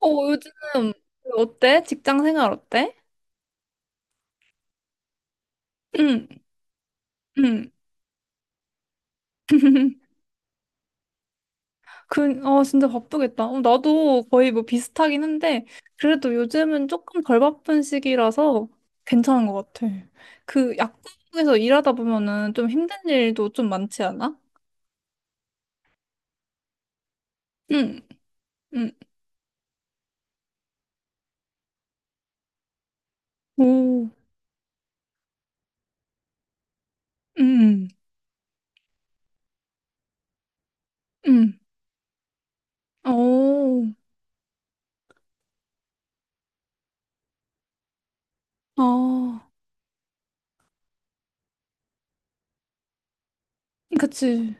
어, 요즘 어때? 직장 생활 어때? 응, 응. 그, 어, 진짜 바쁘겠다. 어, 나도 거의 뭐 비슷하긴 한데, 그래도 요즘은 조금 덜 바쁜 시기라서 괜찮은 것 같아. 그 약국에서 일하다 보면은 좀 힘든 일도 좀 많지 않아? 응, 응. 오, 응, 응. 오, 아, 그치.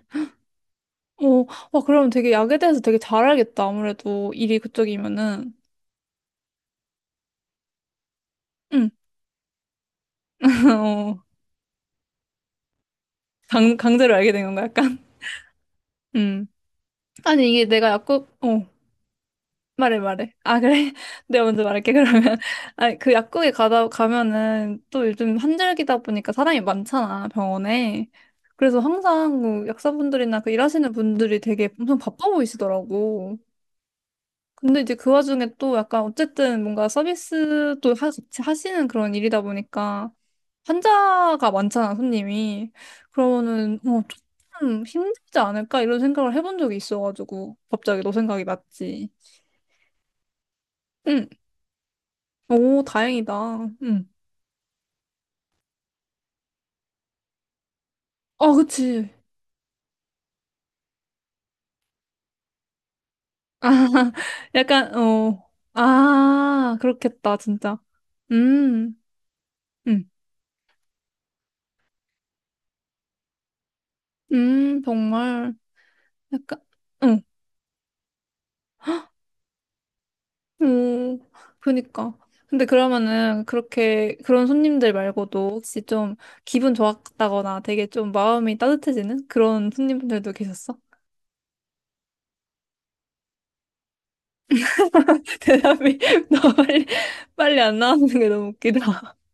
어, 와, 그럼 되게 약에 대해서 되게 잘 알겠다. 아무래도 일이 그쪽이면은. 응. 어. 강제로 알게 된 건가, 약간? 음. 아니, 이게 내가 약국, 어, 말해, 말해. 아, 그래? 내가 먼저 말할게, 그러면. 아니, 그 약국에 가면은 또 요즘 환절기다 보니까 사람이 많잖아, 병원에. 그래서 항상 그 약사분들이나 그 일하시는 분들이 되게 엄청 바빠 보이시더라고. 근데 이제 그 와중에 또 약간 어쨌든 뭔가 서비스도 같이 하시는 그런 일이다 보니까 환자가 많잖아, 손님이. 그러면은, 어, 조금 힘들지 않을까? 이런 생각을 해본 적이 있어가지고, 갑자기 너 생각이 났지. 응. 오, 다행이다. 응. 어, 그치. 아, 약간, 어, 아, 그렇겠다, 진짜. 음, 음, 정말. 약간, 응. 음, 그니까. 근데 그러면은 그렇게 그런 손님들 말고도 혹시 좀 기분 좋았다거나 되게 좀 마음이 따뜻해지는 그런 손님들도 계셨어? 대답이 너무 빨리 안 나오는 게 너무 웃기다.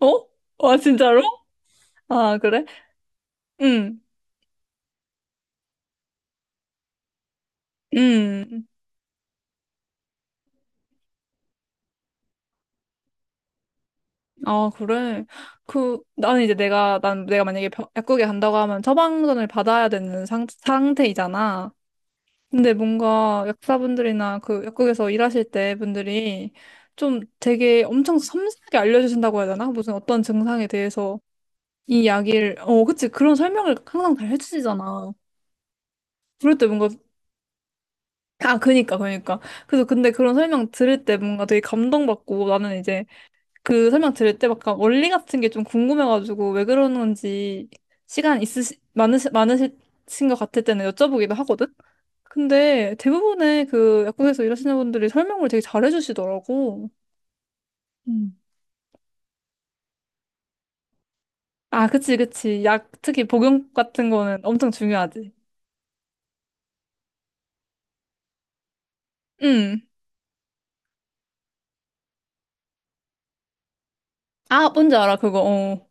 어? 와, 진짜로? 아, 그래? 응, 응. 아, 그래. 그, 나는 이제 내가 만약에 약국에 간다고 하면 처방전을 받아야 되는 상태이잖아. 근데 뭔가 약사분들이나 그 약국에서 일하실 때 분들이 좀 되게 엄청 섬세하게 알려주신다고 해야 되나? 무슨 어떤 증상에 대해서 이 약을, 어, 그치. 그런 설명을 항상 잘 해주시잖아. 그럴 때 뭔가, 아, 그니까. 그래서 근데 그런 설명 들을 때 뭔가 되게 감동받고 나는 이제 그 설명 들을 때 약간 원리 같은 게 좀 궁금해가지고 왜 그러는지 시간 많으신 것 같을 때는 여쭤보기도 하거든? 근데 대부분의 그 약국에서 일하시는 분들이 설명을 되게 잘해주시더라고. 음. 아, 그치. 약, 특히 복용 같은 거는 엄청 중요하지. 응. 아, 뭔지 알아, 그거. 어.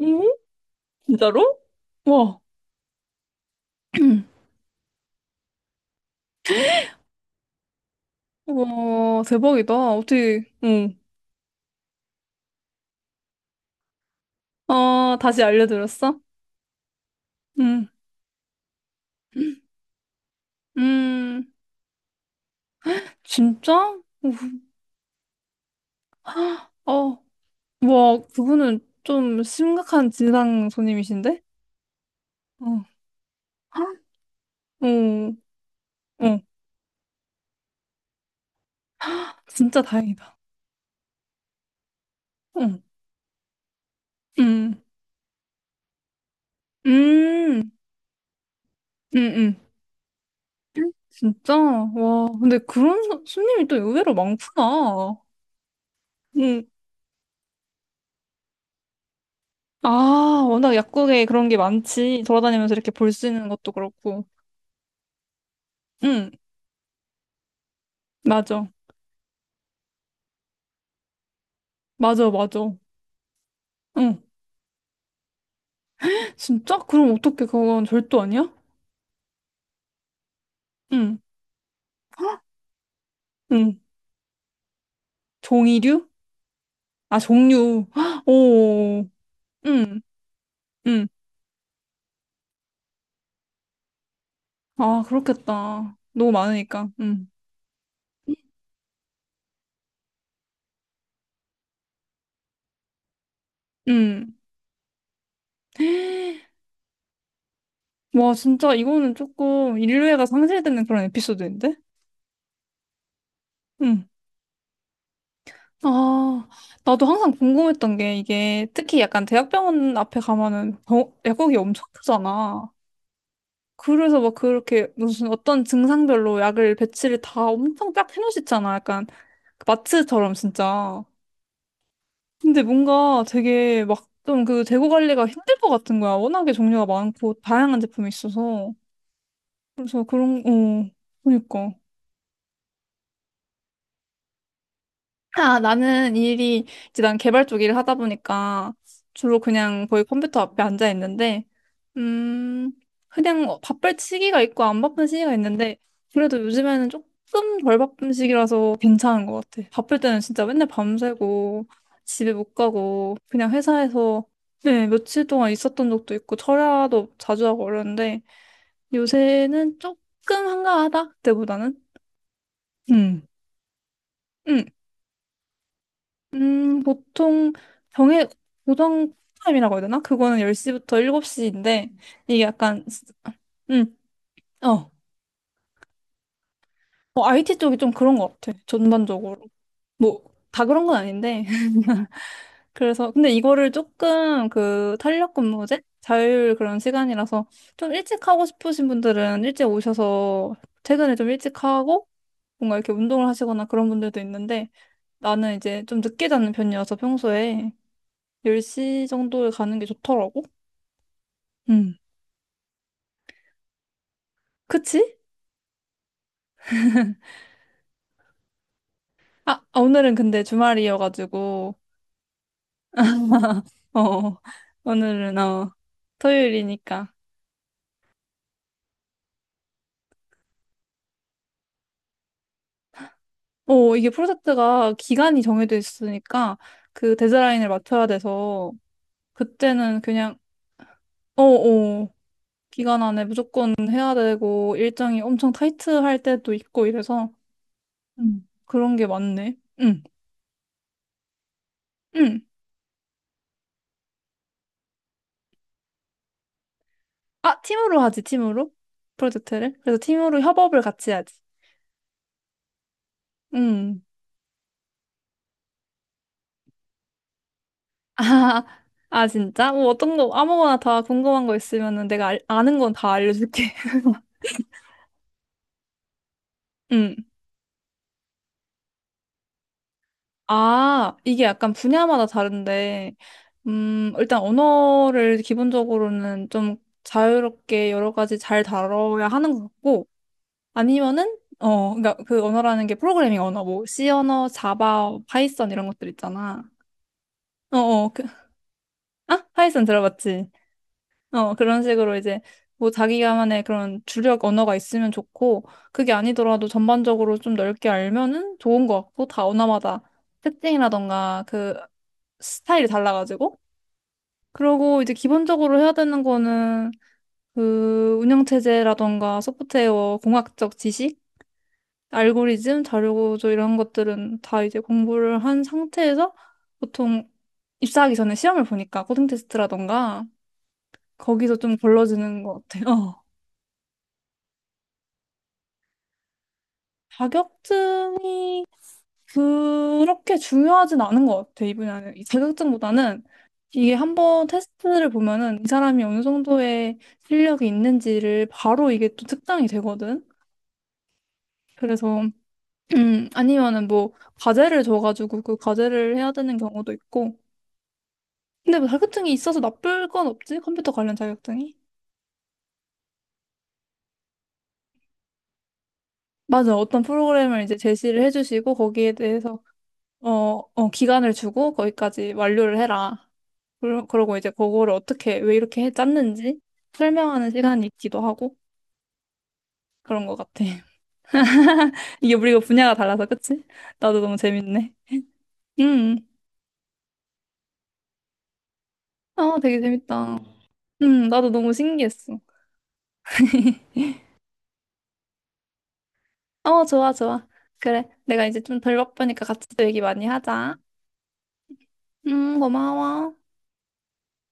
응? 진짜로? 와. 와, 대박이다. 어떻게, 응. 아, 다시 알려드렸어? 응. 음, 진짜? 우, 어, 와, 그분은 좀 심각한 진상 손님이신데? 어, 어, 어, 진짜 다행이다. 응, 응 응 응 응 진짜? 와, 근데 그런 손님이 또 의외로 많구나. 응. 아, 워낙 약국에 그런 게 많지. 돌아다니면서 이렇게 볼 수 있는 것도 그렇고. 응, 맞아. 맞아. 응. 진짜? 그럼 어떻게 그건 절도 아니야? 응, 응. 종이류? 아, 종류. 헉, 오, 응, 응. 아, 그렇겠다. 너무 많으니까. 응, 응. 와, 진짜 이거는 조금 인류애가 상실되는 그런 에피소드인데? 응. 아, 나도 항상 궁금했던 게 이게 특히 약간 대학병원 앞에 가면은 약국이 엄청 크잖아. 그래서 막 그렇게 무슨 어떤 증상별로 약을 배치를 다 엄청 딱 해놓으시잖아. 약간 그 마트처럼 진짜. 근데 뭔가 되게 막 좀 그 재고 관리가 힘들 것 같은 거야. 워낙에 종류가 많고 다양한 제품이 있어서. 그래서 그런, 어, 그러니까. 아, 나는 일이, 이제 난 개발 쪽 일을 하다 보니까 주로 그냥 거의 컴퓨터 앞에 앉아 있는데, 음, 그냥 어, 바쁠 시기가 있고 안 바쁜 시기가 있는데, 그래도 요즘에는 조금 덜 바쁜 시기라서 괜찮은 것 같아. 바쁠 때는 진짜 맨날 밤새고, 집에 못 가고, 그냥 회사에서 네, 며칠 동안 있었던 적도 있고, 철야도 자주 하고 그러는데, 요새는 조금 한가하다, 그때보다는. 음 음. 보통 정해 고정 타임이라고 해야 되나? 그거는 10시부터 7시인데 이게 약간 음, 어. 어, IT 쪽이 좀 그런 것 같아. 전반적으로. 뭐 다 그런 건 아닌데. 그래서 근데 이거를 조금 그 탄력 근무제 자율 그런 시간이라서 좀 일찍 하고 싶으신 분들은 일찍 오셔서 퇴근을 좀 일찍 하고 뭔가 이렇게 운동을 하시거나 그런 분들도 있는데 나는 이제 좀 늦게 자는 편이어서 평소에 10시 정도에 가는 게 좋더라고. 음. 그치? 아, 오늘은 근데 주말이어가지고, 어, 오늘은, 어, 토요일이니까. 어, 이게 프로젝트가 기간이 정해져 있으니까 그 데드라인을 맞춰야 돼서, 그때는 그냥, 어, 어, 기간 안에 무조건 해야 되고, 일정이 엄청 타이트할 때도 있고 이래서, 그런 게 많네. 응, 응. 아, 팀으로 하지, 팀으로? 프로젝트를? 그래서 팀으로 협업을 같이 하지. 응. 아, 진짜? 뭐 어떤 거, 아무거나 다 궁금한 거 있으면은 내가 아는 건 다 알려줄게. 응. 아, 이게 약간 분야마다 다른데, 일단 언어를 기본적으로는 좀 자유롭게 여러 가지 잘 다뤄야 하는 것 같고, 아니면은, 어, 그니까 그 언어라는 게 프로그래밍 언어, 뭐, C 언어, 자바, 파이썬 이런 것들 있잖아. 그, 아? 파이썬 들어봤지? 어, 그런 식으로 이제 뭐 자기만의 그런 주력 언어가 있으면 좋고, 그게 아니더라도 전반적으로 좀 넓게 알면은 좋은 것 같고, 다 언어마다 특징이라던가 그 스타일이 달라가지고. 그러고 이제 기본적으로 해야 되는 거는 그 운영체제라던가 소프트웨어, 공학적 지식, 알고리즘, 자료구조 이런 것들은 다 이제 공부를 한 상태에서 보통 입사하기 전에 시험을 보니까 코딩 테스트라던가 거기서 좀 걸러지는 것 같아요. 자격증이 그렇게 중요하진 않은 것 같아, 이 분야는. 이 자격증보다는 이게 한번 테스트를 보면은 이 사람이 어느 정도의 실력이 있는지를 바로 이게 또 특당이 되거든. 그래서, 아니면은 뭐, 과제를 줘가지고 그 과제를 해야 되는 경우도 있고. 근데 뭐 자격증이 있어서 나쁠 건 없지? 컴퓨터 관련 자격증이? 맞아. 어떤 프로그램을 이제 제시를 해주시고 거기에 대해서 어, 어, 기간을 주고 거기까지 완료를 해라. 그러고 이제 그거를 어떻게, 왜 이렇게 해 짰는지 설명하는 시간이 있기도 하고 그런 것 같아. 이게 우리가 분야가 달라서, 그치? 나도 너무 재밌네. 음, 아, 되게 재밌다. 나도 너무 신기했어. 어, 좋아, 좋아. 그래. 내가 이제 좀 덜 바쁘니까 같이 또 얘기 많이 하자. 고마워.